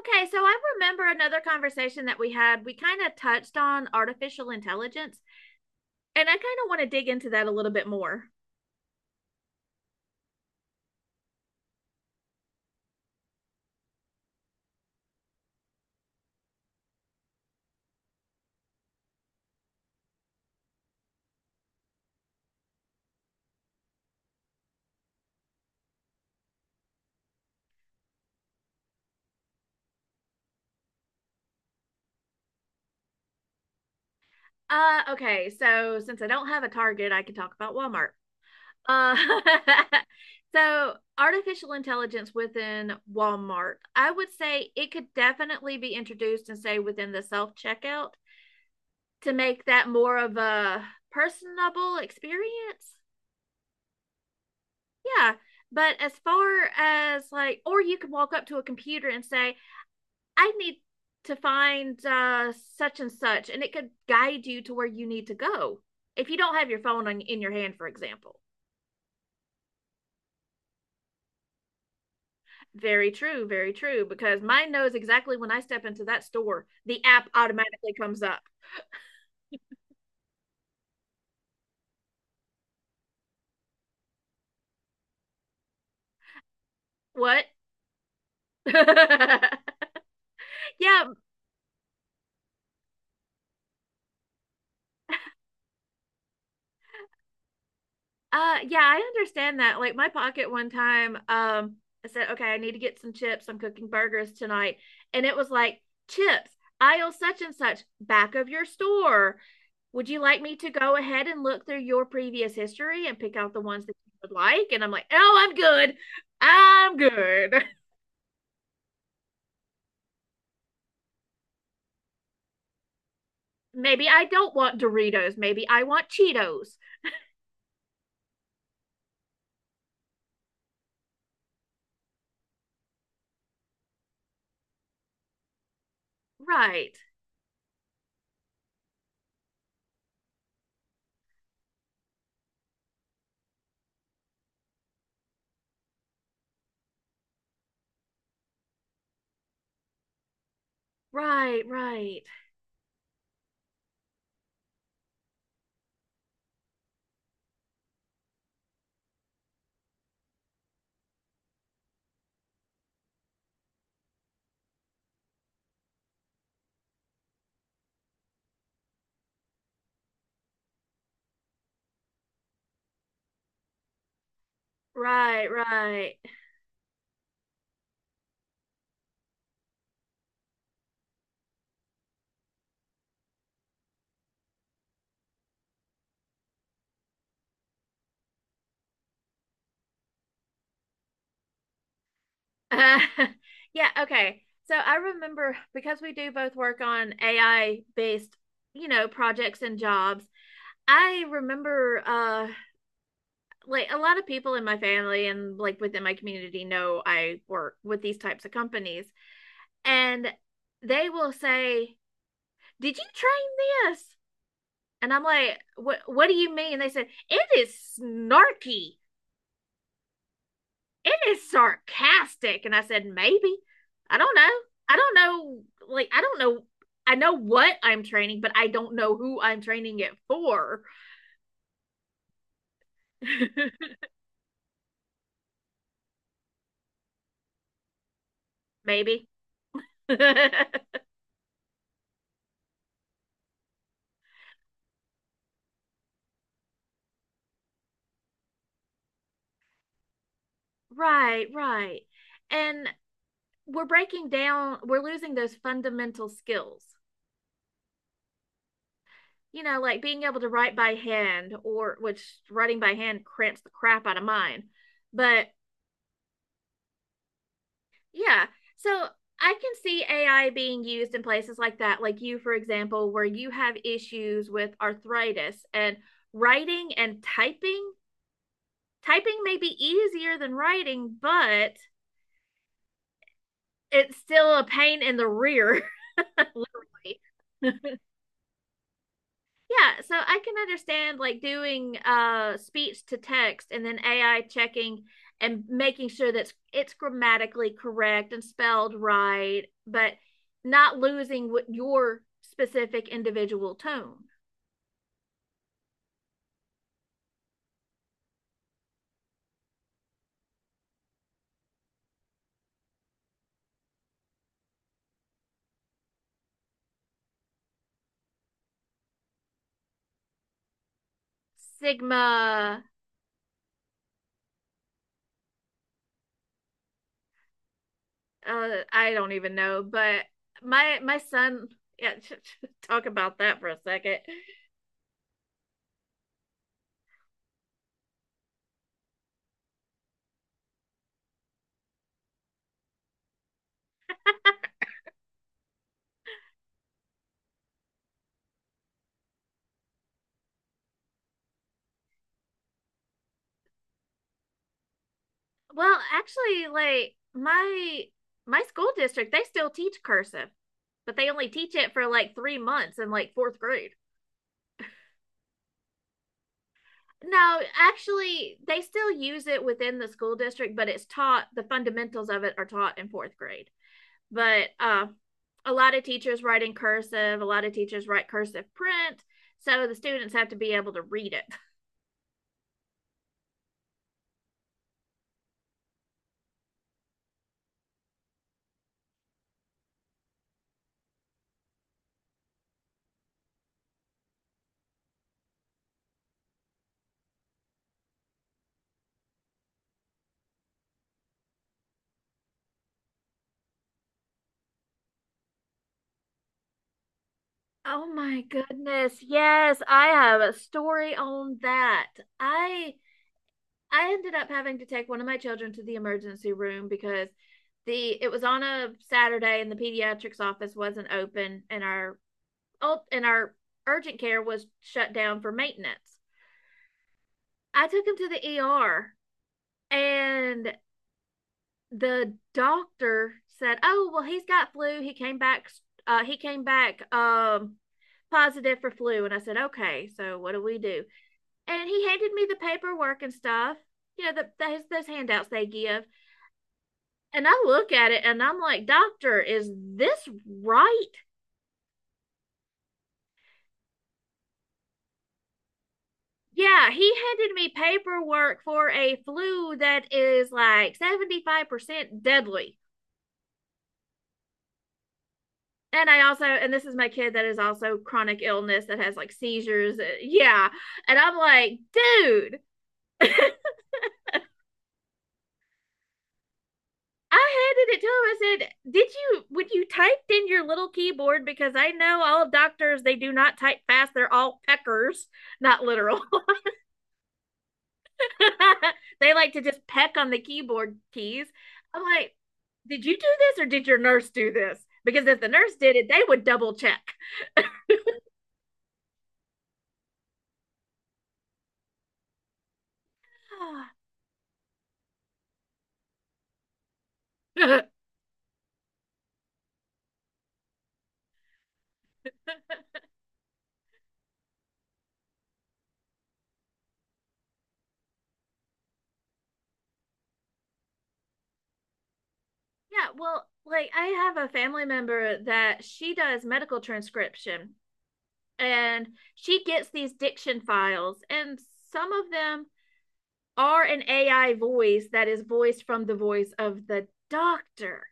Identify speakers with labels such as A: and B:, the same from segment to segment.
A: Okay, so I remember another conversation that we had. We kind of touched on artificial intelligence, and I kind of want to dig into that a little bit more. Okay, so since I don't have a target, I can talk about Walmart. Uh, so artificial intelligence within Walmart, I would say it could definitely be introduced and say within the self checkout to make that more of a personable experience. Yeah, but as far as like, or you could walk up to a computer and say, I need to find such and such, and it could guide you to where you need to go if you don't have your phone on, in your hand, for example. Very true, because mine knows exactly when I step into that store, the app automatically comes up. What? yeah, Yeah, I understand that. Like my pocket one time, I said, okay, I need to get some chips. I'm cooking burgers tonight. And it was like, chips, aisle such and such, back of your store. Would you like me to go ahead and look through your previous history and pick out the ones that you would like? And I'm like, oh, I'm good. I'm good. Maybe I don't want Doritos. Maybe I want Cheetos. Right, right, right, right, right. Uh, yeah, okay. So I remember because we do both work on AI based, you know, projects and jobs. I remember like a lot of people in my family and like within my community know I work with these types of companies and they will say, "Did you train this?" And I'm like, "What do you mean?" And they said, "It is snarky." It is sarcastic. And I said, maybe. I don't know. I don't know. Like, I don't know. I know what I'm training, but I don't know who I'm training it for. Maybe. right, right. And we're breaking down, we're losing those fundamental skills. You know, like being able to write by hand, or which writing by hand cramps the crap out of mine. But yeah. So I can see AI being used in places like that, like you, for example, where you have issues with arthritis and writing and typing. Typing may be easier than writing, but it's still a pain in the rear, literally. Yeah, so I can understand like doing speech to text and then AI checking and making sure that it's grammatically correct and spelled right, but not losing what your specific individual tone. Sigma, I don't even know, but my son, yeah, talk about that for a second. Well, actually, like my school district, they still teach cursive but they only teach it for like 3 months in like fourth grade. No, actually, they still use it within the school district, but it's taught, the fundamentals of it are taught in fourth grade. But A lot of teachers write in cursive, a lot of teachers write cursive print. So the students have to be able to read it. Oh my goodness. Yes, I have a story on that. I I ended up having to take one of my children to the emergency room because the it was on a Saturday and the pediatrics office wasn't open and our urgent care was shut down for maintenance. I took him to the ER and the doctor said, "Oh, well he's got flu. He came back positive for flu." And I said, "Okay, so what do we do?" And he handed me the paperwork and stuff. You know, those handouts they give. And I look at it and I'm like, Doctor, is this right? Yeah, he handed me paperwork for a flu that is like 75% deadly. And I also, and this is my kid that is also chronic illness that has like seizures. Yeah. And I'm like, dude, I handed it to him. I said, did you, when you typed in your little keyboard, because I know all doctors, they do not type fast, they're all peckers, not literal. They like to just peck on the keyboard keys. I'm like, did you do this or did your nurse do this? Because if the nurse did it, they would double check. Yeah, well, like I have a family member that she does medical transcription and she gets these diction files, and some of them are an AI voice that is voiced from the voice of the doctor.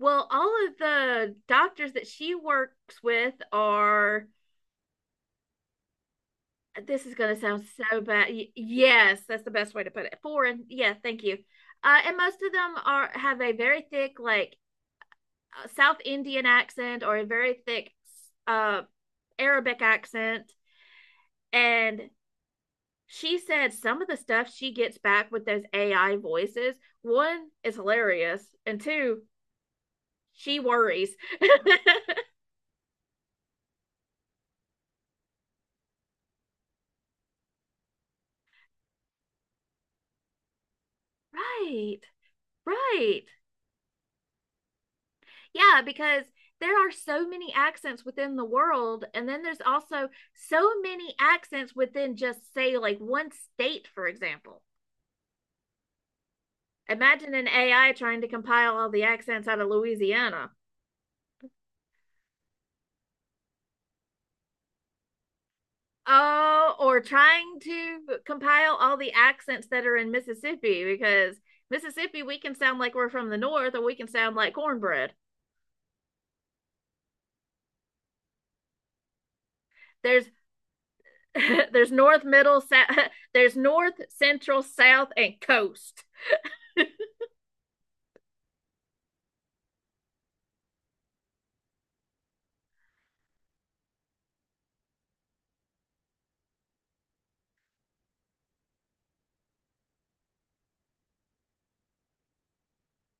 A: Well, all of the doctors that she works with are this is going to sound so bad. Yes, that's the best way to put it. Foreign. Yeah, thank you. And most of them are have a very thick, like South Indian accent or a very thick uh, Arabic accent. And she said some of the stuff she gets back with those AI voices. One is hilarious, and two, she worries. Right, right. Yeah, because there are so many accents within the world. And then there's also so many accents within just, say, like one state, for example. Imagine an AI trying to compile all the accents out of Louisiana. Oh, or trying to compile all the accents that are in Mississippi because Mississippi, we can sound like we're from the north or we can sound like cornbread. There's there's north, middle, south, there's north, central, south, and coast.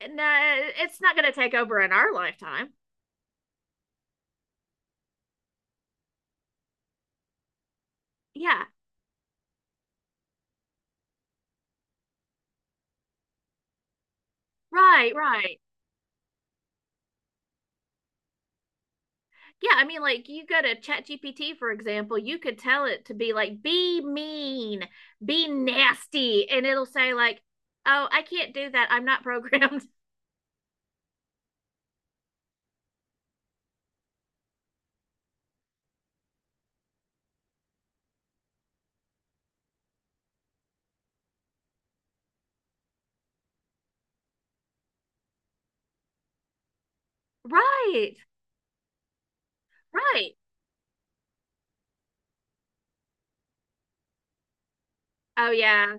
A: No, it's not going to take over in our lifetime. Yeah, right, right. Yeah, I mean, like you go to ChatGPT, for example, you could tell it to be like, be mean, be nasty, and it'll say, like, oh, I can't do that. I'm not programmed. Right, right. Oh, yeah.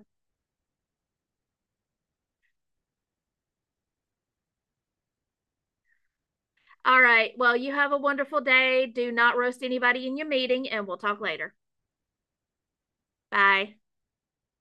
A: All right. Well, you have a wonderful day. Do not roast anybody in your meeting, and we'll talk later. Bye.